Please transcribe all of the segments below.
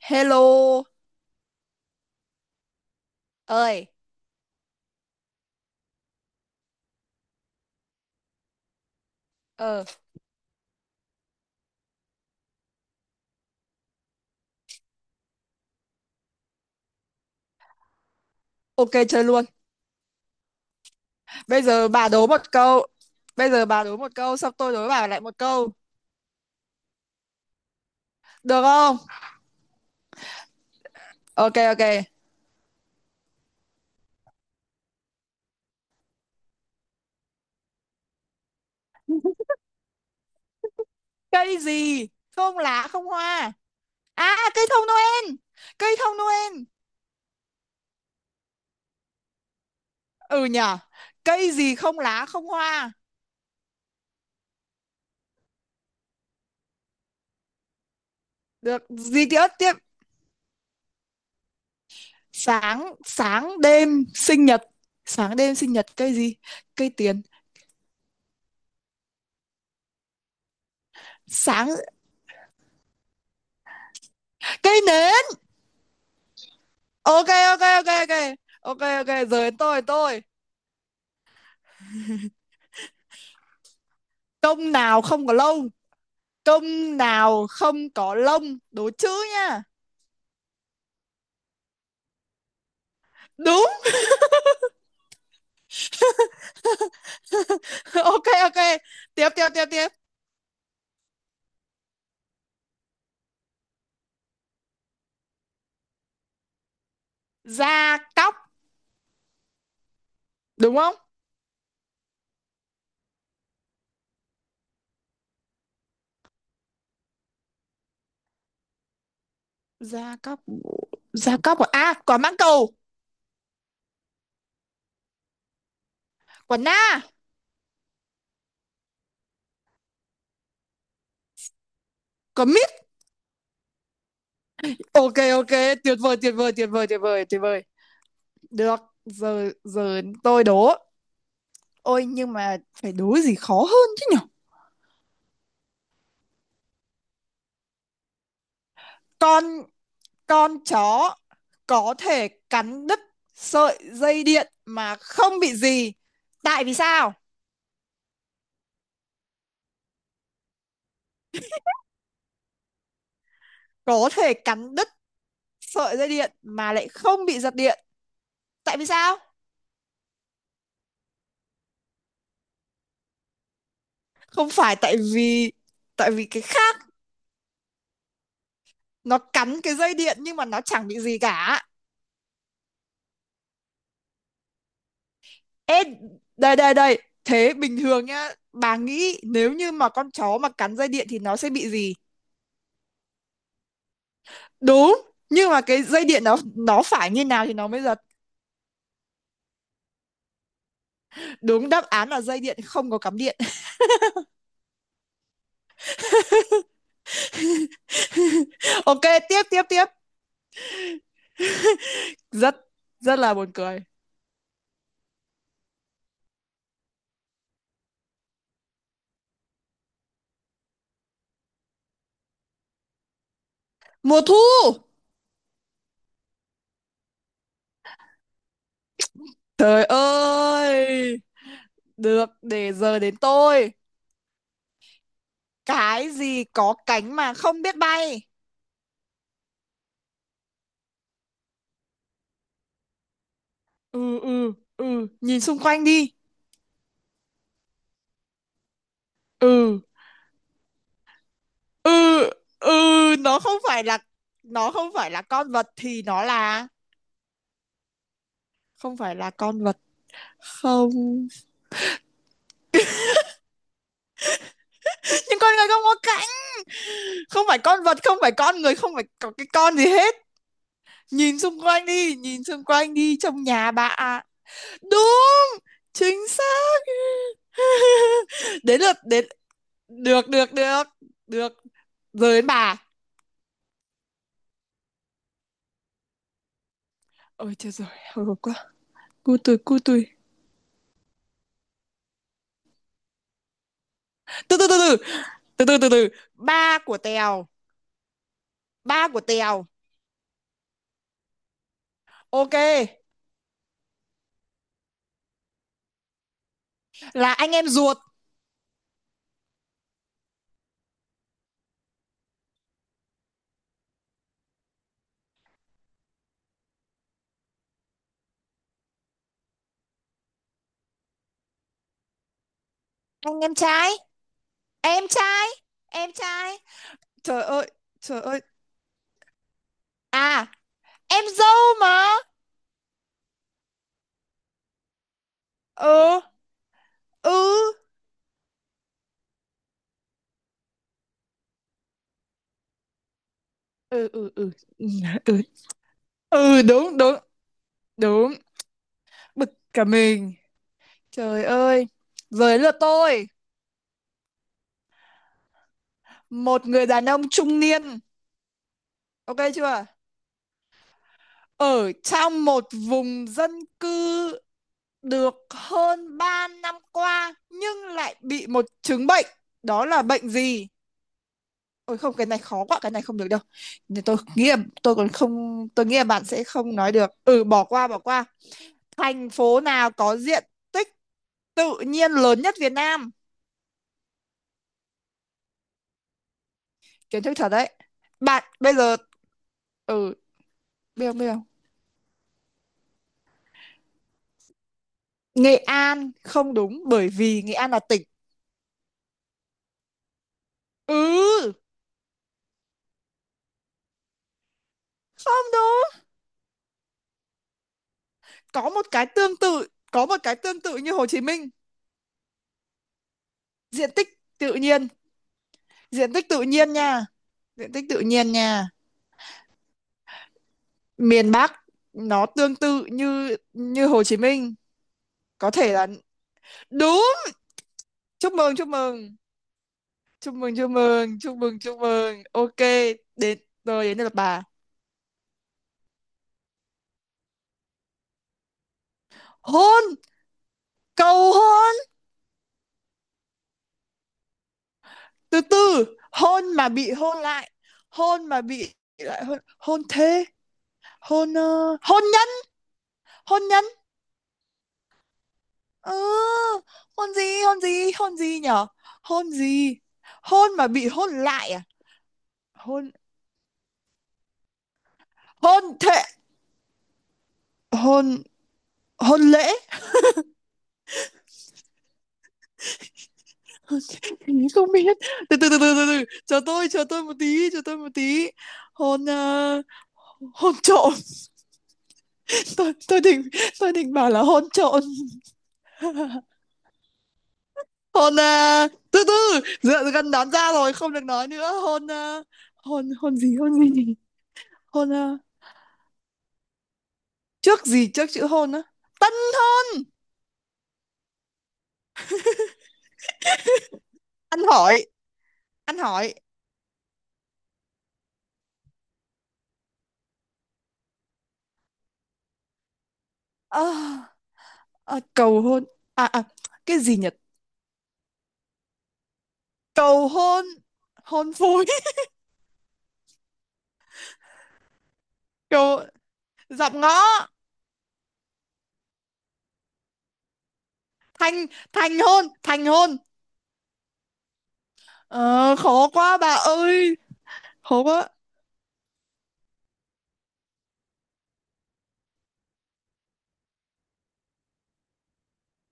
Hello ơi, ờ ok chơi luôn. Bây giờ bà đố một câu. Xong tôi đố bà lại một câu. Được không? Ok ok. Cây gì? Không lá không hoa. À cây thông Noel. Cây thông Noel. Ừ nhở. Cây gì không lá không hoa. Được, gì tiếp tiếp. Sáng sáng đêm sinh nhật. Sáng đêm sinh nhật cây gì? Cây tiền. Sáng cây nến. Ok ok ok ok. Ok ok, giờ đến tôi. Công nào không có lông? Công nào không có lông? Đố chữ nha. Đúng. Ok ok. Tiếp tiếp tiếp tiếp. Da cóc, đúng không? Da cóc. Da cóc à? À, quả mãng cầu, quả na, quả mít. Ok ok, tuyệt vời tuyệt vời tuyệt vời tuyệt vời tuyệt vời. Được, giờ giờ tôi đố. Ôi nhưng mà phải đố gì khó hơn chứ nhỉ. Con Con chó có thể cắn đứt sợi dây điện mà không bị gì. Tại vì sao? Có thể cắn đứt sợi dây điện mà lại không bị giật điện. Tại vì sao? Không phải tại vì cái khác, nó cắn cái dây điện nhưng mà chẳng bị gì cả. Ê, đây đây đây, thế bình thường nhá, bà nghĩ nếu như mà con chó mà cắn dây điện thì nó sẽ bị gì? Đúng, nhưng mà cái dây điện nó phải như nào thì nó mới giật. Đúng, đáp án là dây điện không có cắm điện. Ok, tiếp tiếp tiếp. Rất rất là buồn cười. Mùa thu. Trời ơi, được, để giờ đến tôi. Cái gì có cánh mà không biết bay? Ừ Nhìn xung quanh đi. ừ ừ ừ nó không phải là, không phải là con vật thì nó là, không phải là con vật, không. Nhưng con người không có cánh. Không phải con vật, không phải con người, không phải có cái con gì hết. Nhìn xung quanh đi, nhìn xung quanh đi, trong nhà bà ạ. Đúng, chính xác. Đến lượt, đến. Được được được được, rồi đến bà. Ôi trời rồi, hồi hộp quá. Cu tui, cu tui. Từ từ từ từ từ từ từ từ Ba của Tèo. Ba của Tèo. Ok. Là anh em ruột. Anh em trai, em trai, em trai. Trời ơi, trời ơi. À, em dâu mà. Ừ ừ ừ ừ ừ ừ ừ ừ Đúng đúng, đúng. Bực cả mình. Trời ơi, giờ đến lượt tôi. Một người đàn ông trung niên, ok chưa, ở trong một vùng dân cư được hơn 3 năm qua nhưng lại bị một chứng bệnh, đó là bệnh gì? Ôi không, cái này khó quá, cái này không được đâu. Nhưng tôi nghĩ là, tôi còn không, tôi nghĩ là bạn sẽ không nói được. Ừ, bỏ qua, bỏ qua. Thành phố nào có diện tích tự nhiên lớn nhất Việt Nam? Kiến thức thật đấy. Bạn bây giờ, ừ, biết không, biết không? Nghệ An không đúng bởi vì Nghệ An là tỉnh. Ừ, không đúng. Có một cái tương tự, có một cái tương tự như Hồ Chí Minh. Diện tích tự nhiên, diện tích tự nhiên nha. Diện tích tự nhiên nha. Miền Bắc, nó tương tự như như Hồ Chí Minh. Có thể là. Đúng, chúc mừng chúc mừng chúc mừng chúc mừng chúc mừng chúc mừng. Ok, đến, rồi đến lượt bà. Hôn, cầu hôn. Từ từ. Hôn mà bị hôn lại. Hôn mà bị lại hôn, hôn thế. Hôn hôn nhân. Hôn nhân. Ừ, hôn gì hôn gì hôn gì nhở? Hôn gì? Hôn mà bị hôn lại à? Hôn, hôn thế, hôn, hôn lễ. Mình không biết. Từ từ từ từ từ từ, chờ tôi một tí, chờ tôi một tí. Hôn ờ, hôn trộm. Tôi định, tôi định bảo là hôn trộn. Từ từ, dựa gần đoán ra rồi, không được nói nữa. Hôn hôn gì hôn gì? Hôn ờ, trước gì trước chữ hôn á? Tân thôi, ăn hỏi, ăn hỏi. Ờ, ờ, cầu hôn. À à, cái gì nhỉ? Cầu hôn, hôn phối. Cầu, dạm ngõ, thành, thành hôn, thành hôn. Ờ, khó quá bà ơi, khó quá.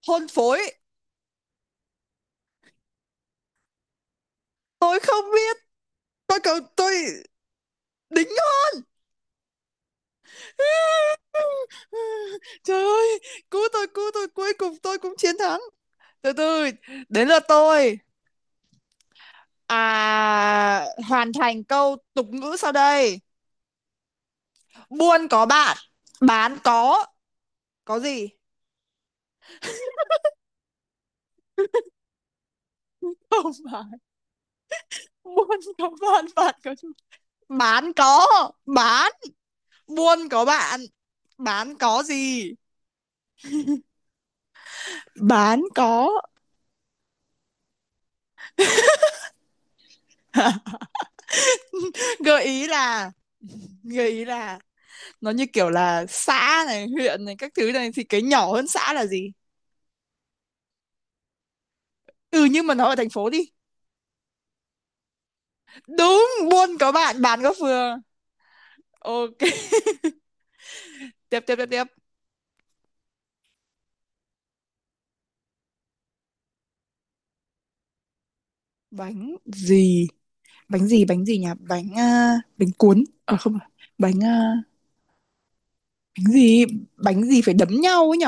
Hôn phối, tôi không biết, tôi cầu tôi, đính hôn. Trời ơi, cứu tôi cứu tôi, cuối cùng tôi cũng chiến thắng. Từ từ, đến lượt tôi. À, hoàn thành câu tục ngữ sau đây: buôn có bạn, bán có gì? Không phải. Buôn có bạn, bạn có gì? Bán có, bán. Buôn có bạn, bán có gì? Bán có. Gợi ý là, gợi ý là nó như kiểu là xã này, huyện này các thứ này thì cái nhỏ hơn xã là gì? Ừ nhưng mà nó ở thành phố đi. Đúng, buôn có bạn, bán có phường. Ok. Tiếp tiếp tiếp tiếp. Bánh gì? Bánh gì? Bánh gì nhỉ? Bánh cuốn. Ờ à, không phải. Bánh à, bánh gì? Bánh gì phải đấm nhau ấy nhỉ?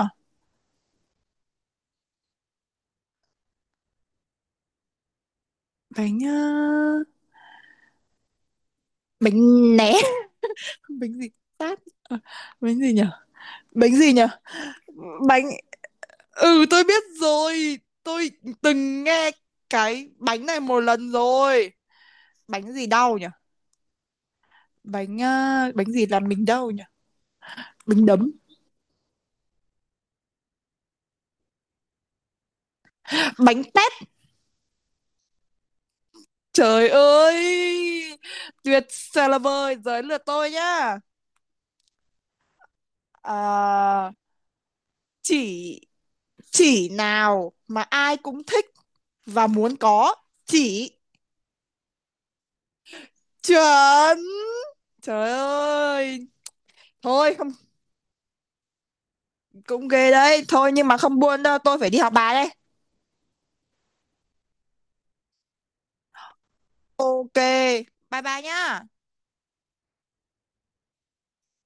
Bánh à, bánh né. Bánh gì? Tát. Ờ, bánh gì nhỉ? Bánh gì nhỉ? Bánh, ừ tôi biết rồi, tôi từng nghe cái bánh này một lần rồi. Bánh gì đau nhỉ? Bánh gì làm mình đau nhỉ? Bánh đấm, bánh tét. Trời ơi, tuyệt vời là vời, giới lượt tôi nhá. Ờ, chỉ chỉ nào mà ai cũng thích và muốn có? Chỉ. Chuẩn, trời ơi. Thôi không, cũng ghê đấy thôi, nhưng mà không buồn đâu, tôi phải đi học bài đây. Ok, bye bye nhá.